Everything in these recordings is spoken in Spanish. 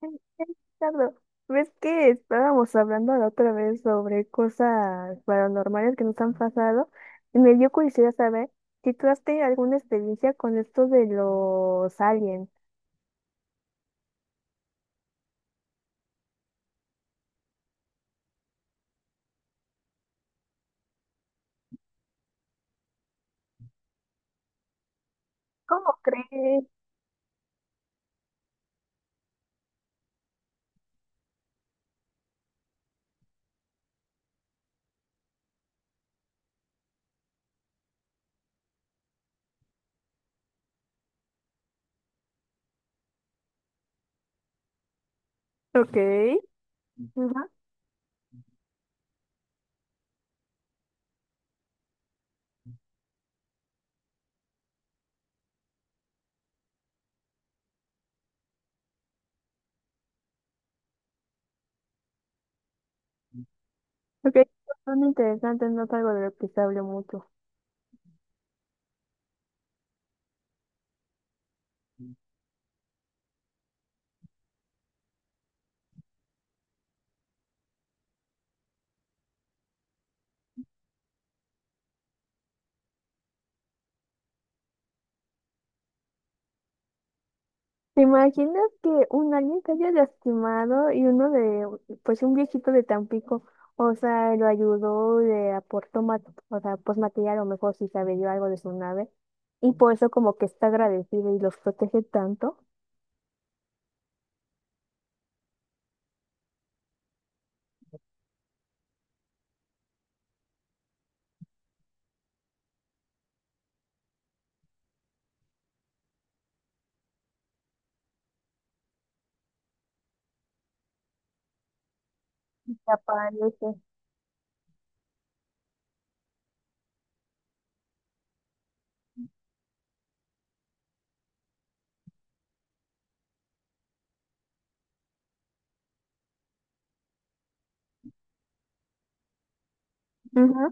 Ay, ay, Ricardo, ¿ves que estábamos hablando la otra vez sobre cosas paranormales que nos han pasado? Y me dio curiosidad saber si tú has tenido alguna experiencia con esto de los aliens. ¿Cómo crees? Ok. Ajá. Ok, son interesantes, no es algo de lo que se habló mucho. ¿Te imaginas que un alguien se haya lastimado y uno de, pues un viejito de Tampico, o sea, lo ayudó, le aportó, o sea, pues material, o mejor si sabe dio algo de su nave, y por eso como que está agradecido y los protege tanto? Se aparece. Ajá,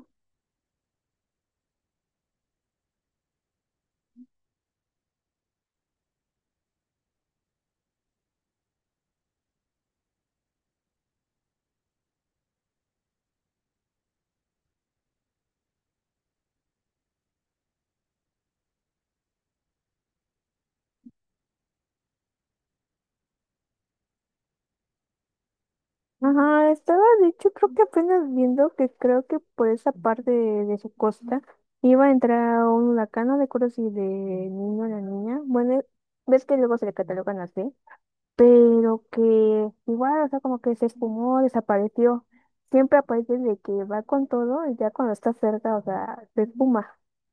ajá, estaba de hecho creo que apenas viendo que creo que por esa parte de su costa iba a entrar un huracán, no recuerdo si de niño o la niña, bueno, ves que luego se le catalogan así. Pero que igual, o sea, como que se esfumó, desapareció. Siempre aparece de que va con todo y ya cuando está cerca, o sea, se esfuma.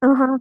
Ajá,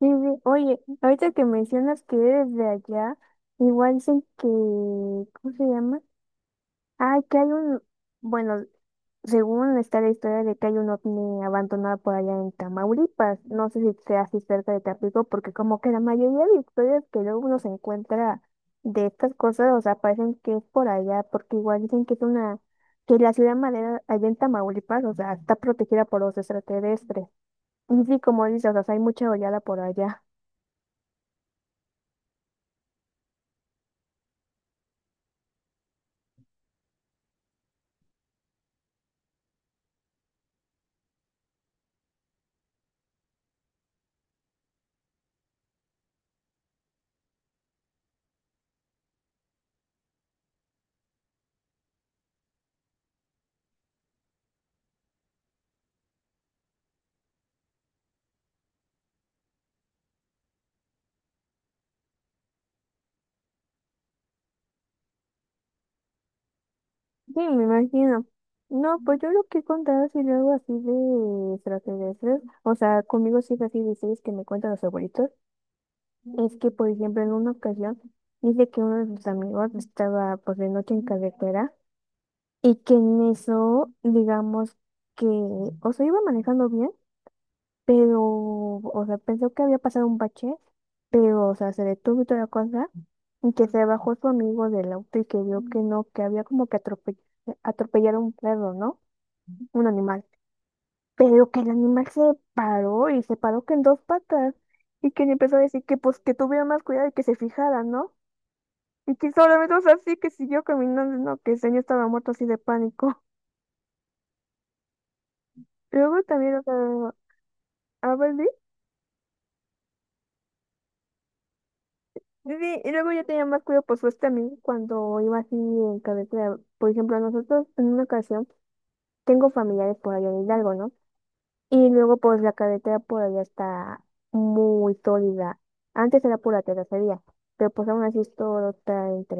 sí, sí. Oye, ahorita que mencionas que eres de allá, igual dicen que, ¿cómo se llama? Ah, bueno, según está la historia de que hay un ovni abandonado por allá en Tamaulipas, no sé si sea así cerca de Tampico, porque como que la mayoría de historias que luego uno se encuentra de estas cosas, o sea, parecen que es por allá, porque igual dicen que que la ciudad madera allá en Tamaulipas, o sea, está protegida por los extraterrestres. Y sí, como dices, o sea, hay mucha oleada por allá. Sí, me imagino. No, pues yo lo que he contado así luego así de extraterrestres, o sea, conmigo sí es así de historias que me cuentan los abuelitos. Es que, por ejemplo, en una ocasión dice que uno de sus amigos estaba por de noche en carretera y que en eso, digamos que, o sea, iba manejando bien, pero, o sea, pensó que había pasado un bache, pero, o sea, se detuvo y toda la cosa, y que se bajó su amigo del auto y que vio que no, que había como que atropellar a un perro, ¿no? Un animal. Pero que el animal se paró y se paró que en dos patas y que le empezó a decir que pues que tuviera más cuidado y que se fijara, ¿no? Y que solamente, o sea, sí que siguió caminando, ¿no? Que el señor estaba muerto así de pánico. Luego también, o sea, a ver, sí, sí, y luego ya tenía más cuidado por su este amigo cuando iba así en carretera. Por ejemplo, nosotros en una ocasión tengo familiares por allá en Hidalgo, ¿no? Y luego pues la carretera por allá está muy sólida. Antes era pura terracería, pero pues aún así es todo está entre,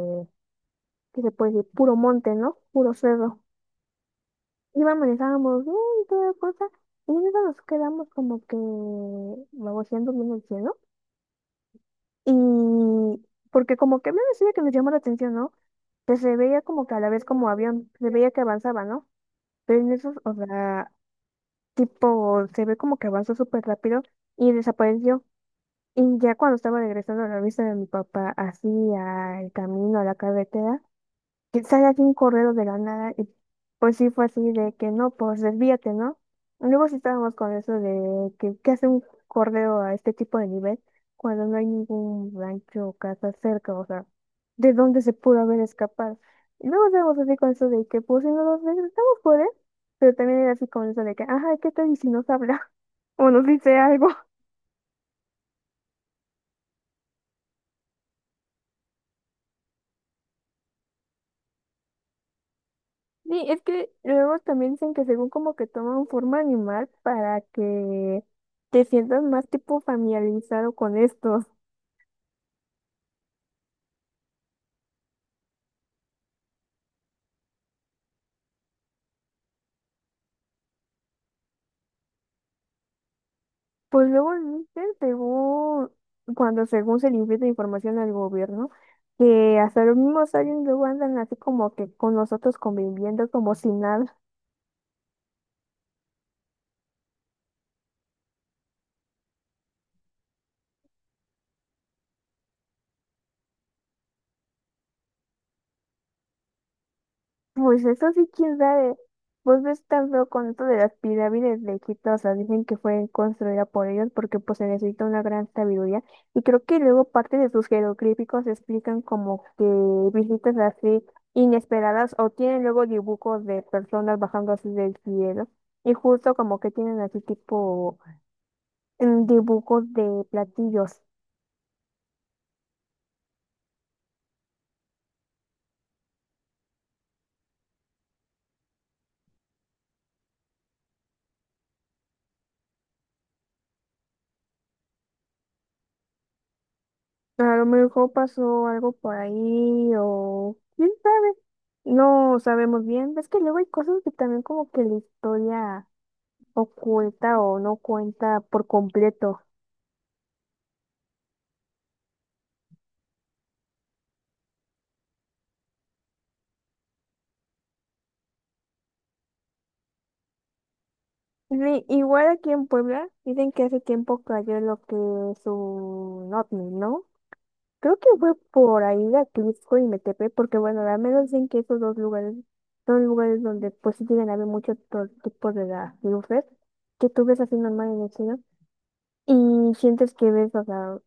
¿qué se puede decir? Puro monte, ¿no? Puro cerro. Íbamos, estábamos bien y toda cosa, y en eso nos quedamos como que baboseando viendo el cielo, y porque como que me decía que nos llamó la atención, ¿no? Que se veía como que a la vez como avión, se veía que avanzaba, ¿no? Pero en eso, o sea, tipo, se ve como que avanzó súper rápido y desapareció. Y ya cuando estaba regresando a la vista de mi papá, así al camino, a la carretera, que sale así un correo de la nada y pues sí fue así de que no, pues desvíate, ¿no? Luego sí estábamos con eso de que qué hace un correo a este tipo de nivel cuando no hay ningún rancho o casa cerca, o sea, ¿de dónde se pudo haber escapado? Y luego estábamos así con eso de que pues si nos regresamos por él, pero también era así con eso de que, ajá, ¿qué tal y si nos habla? O nos dice algo. Sí, es que luego también dicen que según como que toman forma animal para que te sientas más tipo familiarizado con estos. Pues luego dicen según, cuando según se le invierte información al gobierno, que hasta los mismos aliens luego andan así como que con nosotros conviviendo como si nada. Pues eso sí, quién sabe. Vos ves tan feo con esto de las pirámides de Egipto, o sea, dicen que fue construida por ellos porque pues se necesita una gran sabiduría y creo que luego parte de sus jeroglíficos explican como que visitas así inesperadas o tienen luego dibujos de personas bajando así del cielo y justo como que tienen así tipo dibujos de platillos. A lo mejor pasó algo por ahí o quién sabe. No sabemos bien. Es que luego hay cosas que también como que la historia oculta o no cuenta por completo. Igual aquí en Puebla dicen que hace tiempo cayó lo que es un ovni, ¿no? Creo que fue por ahí de Atlixco y Metepe, porque bueno, al menos dicen que esos dos lugares son lugares donde pues sí tienen a haber muchos tipos de las luces que tú ves así normal en el cielo. Y sientes que ves, o sea,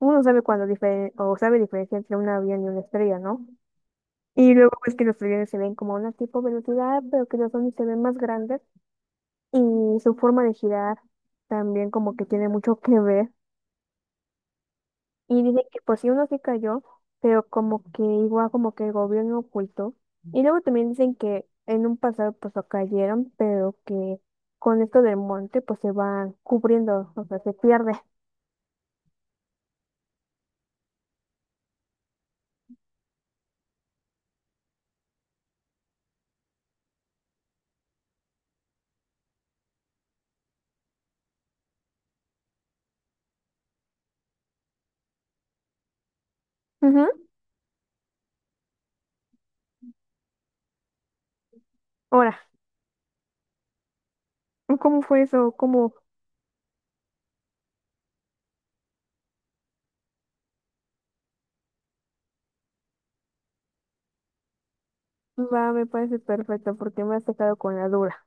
uno sabe cuando o sabe diferencia entre un avión y una estrella, ¿no? Y luego ves que los aviones se ven como a una tipo velocidad, pero que los ovnis se ven más grandes y su forma de girar también como que tiene mucho que ver. Y dice que pues sí uno sí cayó, pero como que igual como que el gobierno ocultó. Y luego también dicen que en un pasado pues lo cayeron, pero que con esto del monte pues se van cubriendo, o sea, se pierde. Ujú. Ahora, ¿cómo fue eso? ¿Cómo? Va, me parece perfecto porque me has dejado con la duda.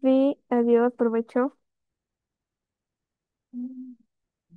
Sí, adiós, provecho. Mm.